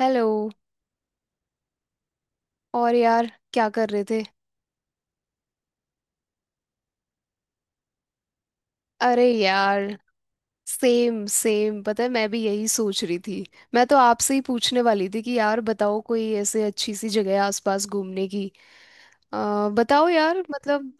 Hello. और यार, क्या कर रहे थे? अरे यार, सेम सेम पता है, मैं भी यही सोच रही थी। मैं तो आपसे ही पूछने वाली थी कि यार बताओ, कोई ऐसे अच्छी सी जगह है आसपास घूमने की? बताओ यार, मतलब।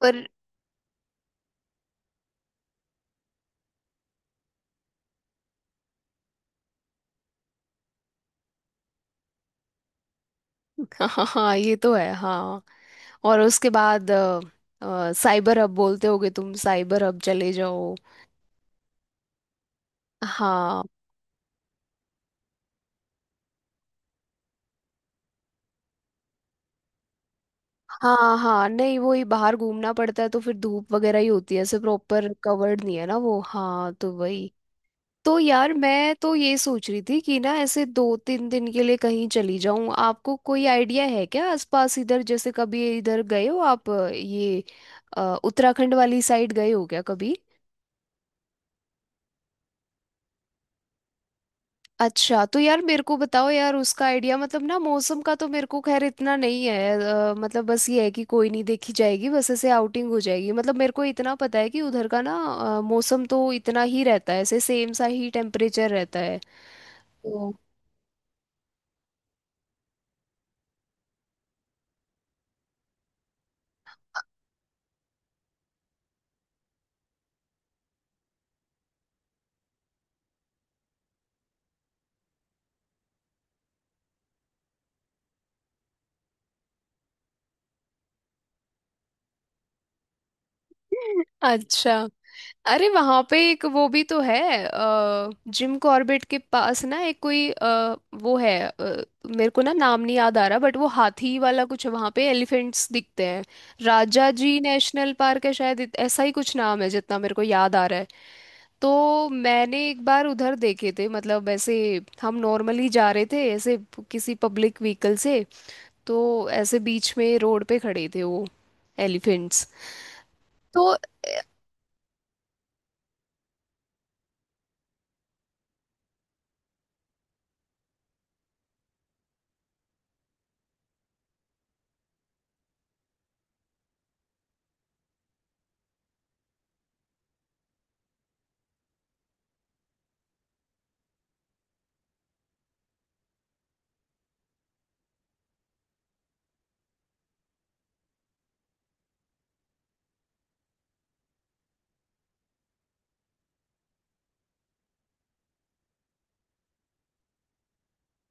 पर हाँ हाँ, ये तो है हाँ। और उसके बाद साइबर हब, बोलते होगे तुम, साइबर हब चले जाओ। हाँ हाँ। हाँ नहीं, वो ही बाहर घूमना पड़ता है तो फिर धूप वगैरह ही होती है, ऐसे प्रॉपर कवर्ड नहीं है ना वो, हाँ तो वही। तो यार, मैं तो ये सोच रही थी कि ना ऐसे दो तीन दिन के लिए कहीं चली जाऊं। आपको कोई आइडिया है क्या आसपास? इधर जैसे कभी इधर गए हो आप? ये उत्तराखंड वाली साइड गए हो क्या कभी? अच्छा, तो यार मेरे को बताओ यार उसका आइडिया। मतलब ना मौसम का तो मेरे को खैर इतना नहीं है। मतलब बस ये है कि कोई नहीं, देखी जाएगी बस, ऐसे आउटिंग हो जाएगी। मतलब मेरे को इतना पता है कि उधर का ना मौसम तो इतना ही रहता है, ऐसे सेम सा ही टेम्परेचर रहता है। तो अच्छा। अरे वहां पे एक वो भी तो है अ, जिम कॉर्बेट के पास ना एक कोई वो है मेरे को ना नाम नहीं याद आ रहा, बट वो हाथी वाला कुछ है, वहां पे एलिफेंट्स दिखते हैं। राजा जी नेशनल पार्क है शायद, ऐसा ही कुछ नाम है जितना मेरे को याद आ रहा है। तो मैंने एक बार उधर देखे थे, मतलब ऐसे हम नॉर्मली जा रहे थे ऐसे किसी पब्लिक व्हीकल से। तो ऐसे बीच में रोड पे खड़े थे वो एलिफेंट्स। तो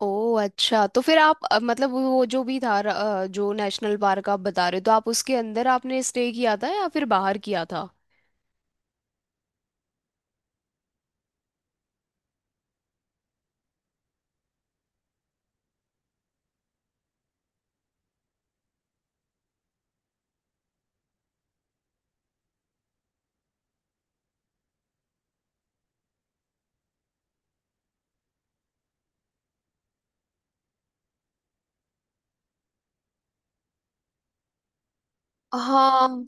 ओह अच्छा, तो फिर आप मतलब वो जो भी था जो नेशनल पार्क आप बता रहे हो, तो आप उसके अंदर आपने स्टे किया था या फिर बाहर किया था? हाँ।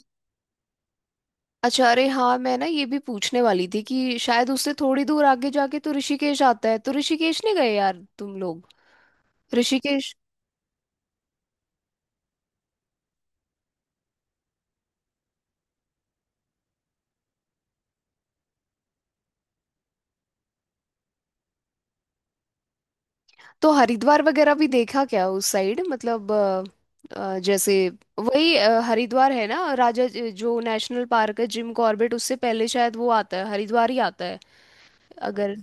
अच्छा, अरे हाँ मैं ना ये भी पूछने वाली थी कि शायद उससे थोड़ी दूर आगे जाके तो ऋषिकेश आता है, तो ऋषिकेश नहीं गए यार तुम लोग? ऋषिकेश। तो हरिद्वार वगैरह भी देखा क्या उस साइड? मतलब जैसे, वही हरिद्वार है ना, जो नेशनल पार्क है जिम कॉर्बेट, उससे पहले शायद वो आता है, हरिद्वार ही आता है अगर।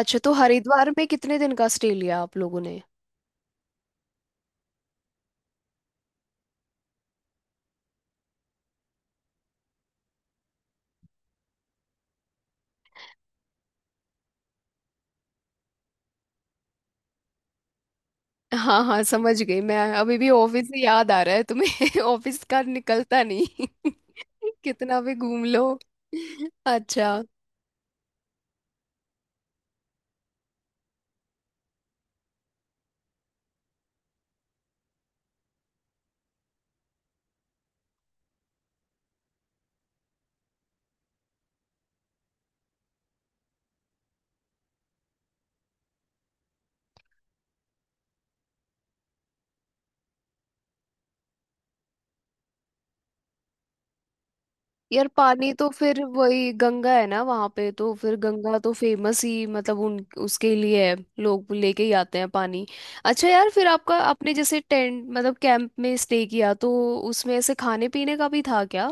अच्छा, तो हरिद्वार में कितने दिन का स्टे लिया आप लोगों ने? हाँ हाँ समझ गई मैं, अभी भी ऑफिस से याद आ रहा है तुम्हें ऑफिस का निकलता नहीं। कितना भी घूम लो। अच्छा। यार पानी तो फिर वही गंगा है ना वहां पे, तो फिर गंगा तो फेमस ही मतलब उन उसके लिए है, लोग लेके ही आते हैं पानी। अच्छा यार, फिर आपका आपने जैसे टेंट मतलब कैंप में स्टे किया, तो उसमें ऐसे खाने पीने का भी था क्या?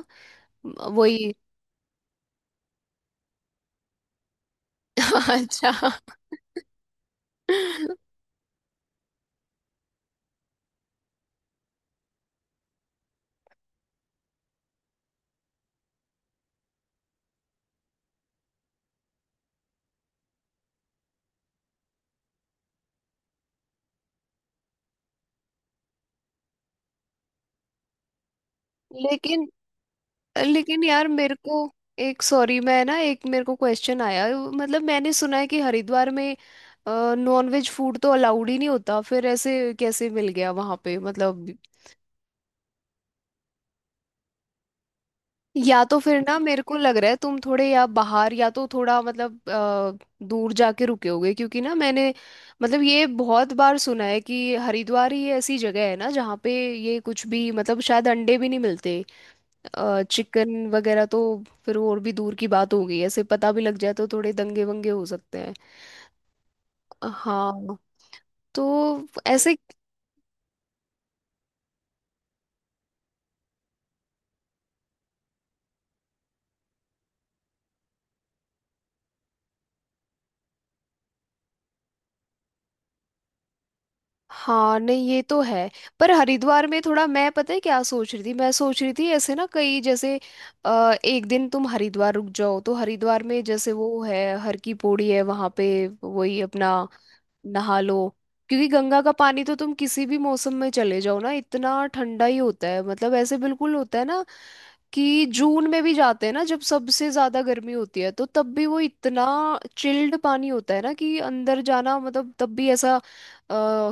वही। अच्छा। लेकिन, लेकिन यार मेरे को एक, सॉरी मैं ना, एक मेरे को क्वेश्चन आया। मतलब मैंने सुना है कि हरिद्वार में नॉन वेज फूड तो अलाउड ही नहीं होता, फिर ऐसे कैसे मिल गया वहां पे मतलब? या तो फिर ना मेरे को लग रहा है तुम थोड़े या बाहर, या तो थोड़ा मतलब दूर जाके रुके होगे, क्योंकि ना मैंने मतलब ये बहुत बार सुना है कि हरिद्वार ही ऐसी जगह है ना जहाँ पे ये कुछ भी मतलब शायद अंडे भी नहीं मिलते, चिकन वगैरह तो फिर और भी दूर की बात हो गई। ऐसे पता भी लग जाए तो थोड़े दंगे वंगे हो सकते हैं। हाँ। तो ऐसे। हाँ नहीं ये तो है। पर हरिद्वार में थोड़ा, मैं पता है क्या सोच रही थी, मैं सोच रही थी ऐसे ना कई जैसे एक दिन तुम हरिद्वार रुक जाओ, तो हरिद्वार में जैसे वो है, हर की पौड़ी है वहाँ पे वही अपना, नहा लो। क्योंकि गंगा का पानी तो तुम किसी भी मौसम में चले जाओ ना, इतना ठंडा ही होता है, मतलब ऐसे बिल्कुल होता है ना कि जून में भी जाते हैं ना जब सबसे ज्यादा गर्मी होती है, तो तब भी वो इतना चिल्ड पानी होता है ना कि अंदर जाना, मतलब तब भी ऐसा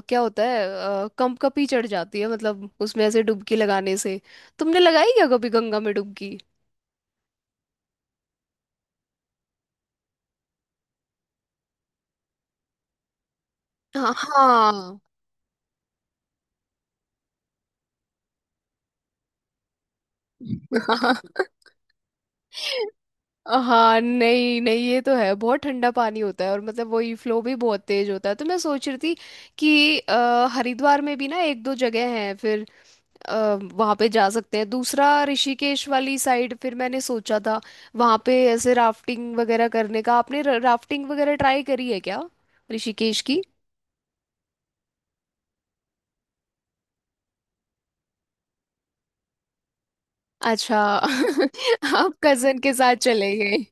क्या होता है, कंपकपी चढ़ जाती है मतलब उसमें ऐसे डुबकी लगाने से। तुमने लगाई क्या कभी गंगा में डुबकी? हाँ हाँ। हाँ नहीं नहीं ये तो है, बहुत ठंडा पानी होता है, और मतलब वही फ्लो भी बहुत तेज होता है। तो मैं सोच रही थी कि हरिद्वार में भी ना एक दो जगह हैं, फिर वहां पे जा सकते हैं। दूसरा ऋषिकेश वाली साइड, फिर मैंने सोचा था वहां पे ऐसे राफ्टिंग वगैरह करने का। आपने राफ्टिंग वगैरह ट्राई करी है क्या ऋषिकेश की? अच्छा। आप कजन के साथ चले गए।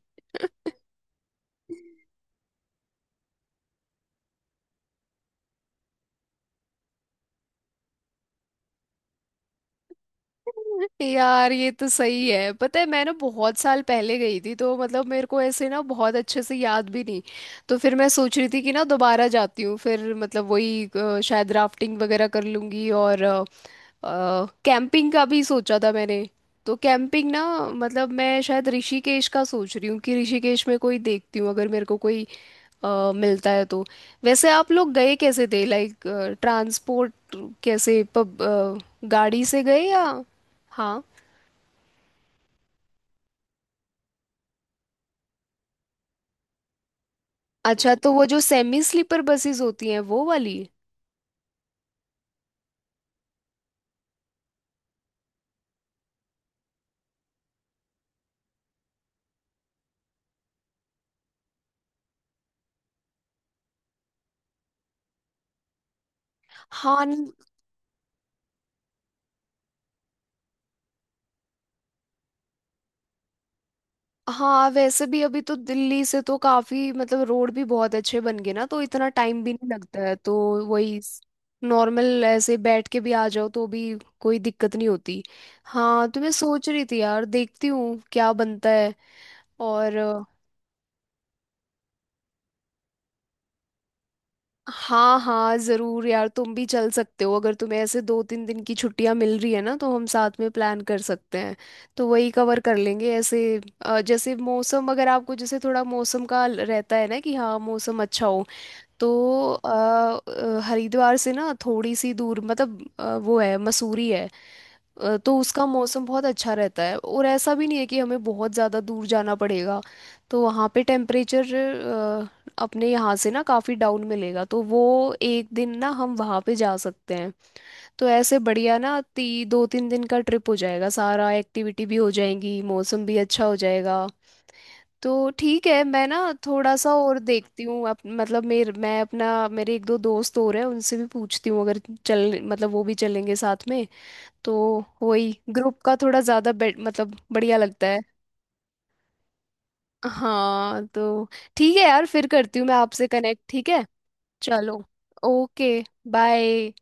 यार ये तो सही है, पता है मैं ना बहुत साल पहले गई थी, तो मतलब मेरे को ऐसे ना बहुत अच्छे से याद भी नहीं, तो फिर मैं सोच रही थी कि ना दोबारा जाती हूँ फिर, मतलब वही शायद राफ्टिंग वगैरह कर लूंगी और, कैंपिंग का भी सोचा था मैंने। तो कैंपिंग ना, मतलब मैं शायद ऋषिकेश का सोच रही हूँ कि ऋषिकेश में कोई देखती हूँ, अगर मेरे को कोई मिलता है तो। वैसे आप लोग गए कैसे थे, लाइक ट्रांसपोर्ट कैसे, गाड़ी से गए या? हाँ अच्छा, तो वो जो सेमी स्लीपर बसेस होती हैं वो वाली। हाँ न- हाँ, वैसे भी अभी तो दिल्ली से तो काफी, मतलब रोड भी बहुत अच्छे बन गए ना, तो इतना टाइम भी नहीं लगता है, तो वही, नॉर्मल ऐसे बैठ के भी आ जाओ तो भी कोई दिक्कत नहीं होती। हाँ तो मैं सोच रही थी यार, देखती हूँ क्या बनता है। और हाँ हाँ जरूर यार, तुम भी चल सकते हो अगर तुम्हें ऐसे दो तीन दिन की छुट्टियां मिल रही है ना, तो हम साथ में प्लान कर सकते हैं। तो वही कवर कर लेंगे ऐसे, जैसे मौसम, अगर आपको जैसे थोड़ा मौसम का रहता है ना कि हाँ मौसम अच्छा हो, तो हरिद्वार से ना थोड़ी सी दूर मतलब वो है, मसूरी है। तो उसका मौसम बहुत अच्छा रहता है, और ऐसा भी नहीं है कि हमें बहुत ज़्यादा दूर जाना पड़ेगा। तो वहाँ पे टेम्परेचर अपने यहाँ से ना काफ़ी डाउन मिलेगा, तो वो एक दिन ना हम वहाँ पे जा सकते हैं। तो ऐसे बढ़िया ना, ती दो तीन दिन का ट्रिप हो जाएगा, सारा एक्टिविटी भी हो जाएंगी, मौसम भी अच्छा हो जाएगा। तो ठीक है, मैं ना थोड़ा सा और देखती हूँ। मतलब मेरे, मैं अपना, मेरे एक दो दोस्त और हैं उनसे भी पूछती हूँ, अगर चल मतलब वो भी चलेंगे साथ में, तो वही ग्रुप का थोड़ा ज्यादा मतलब बढ़िया लगता है। हाँ। तो ठीक है यार, फिर करती हूँ मैं आपसे कनेक्ट, ठीक है? चलो, ओके, बाय।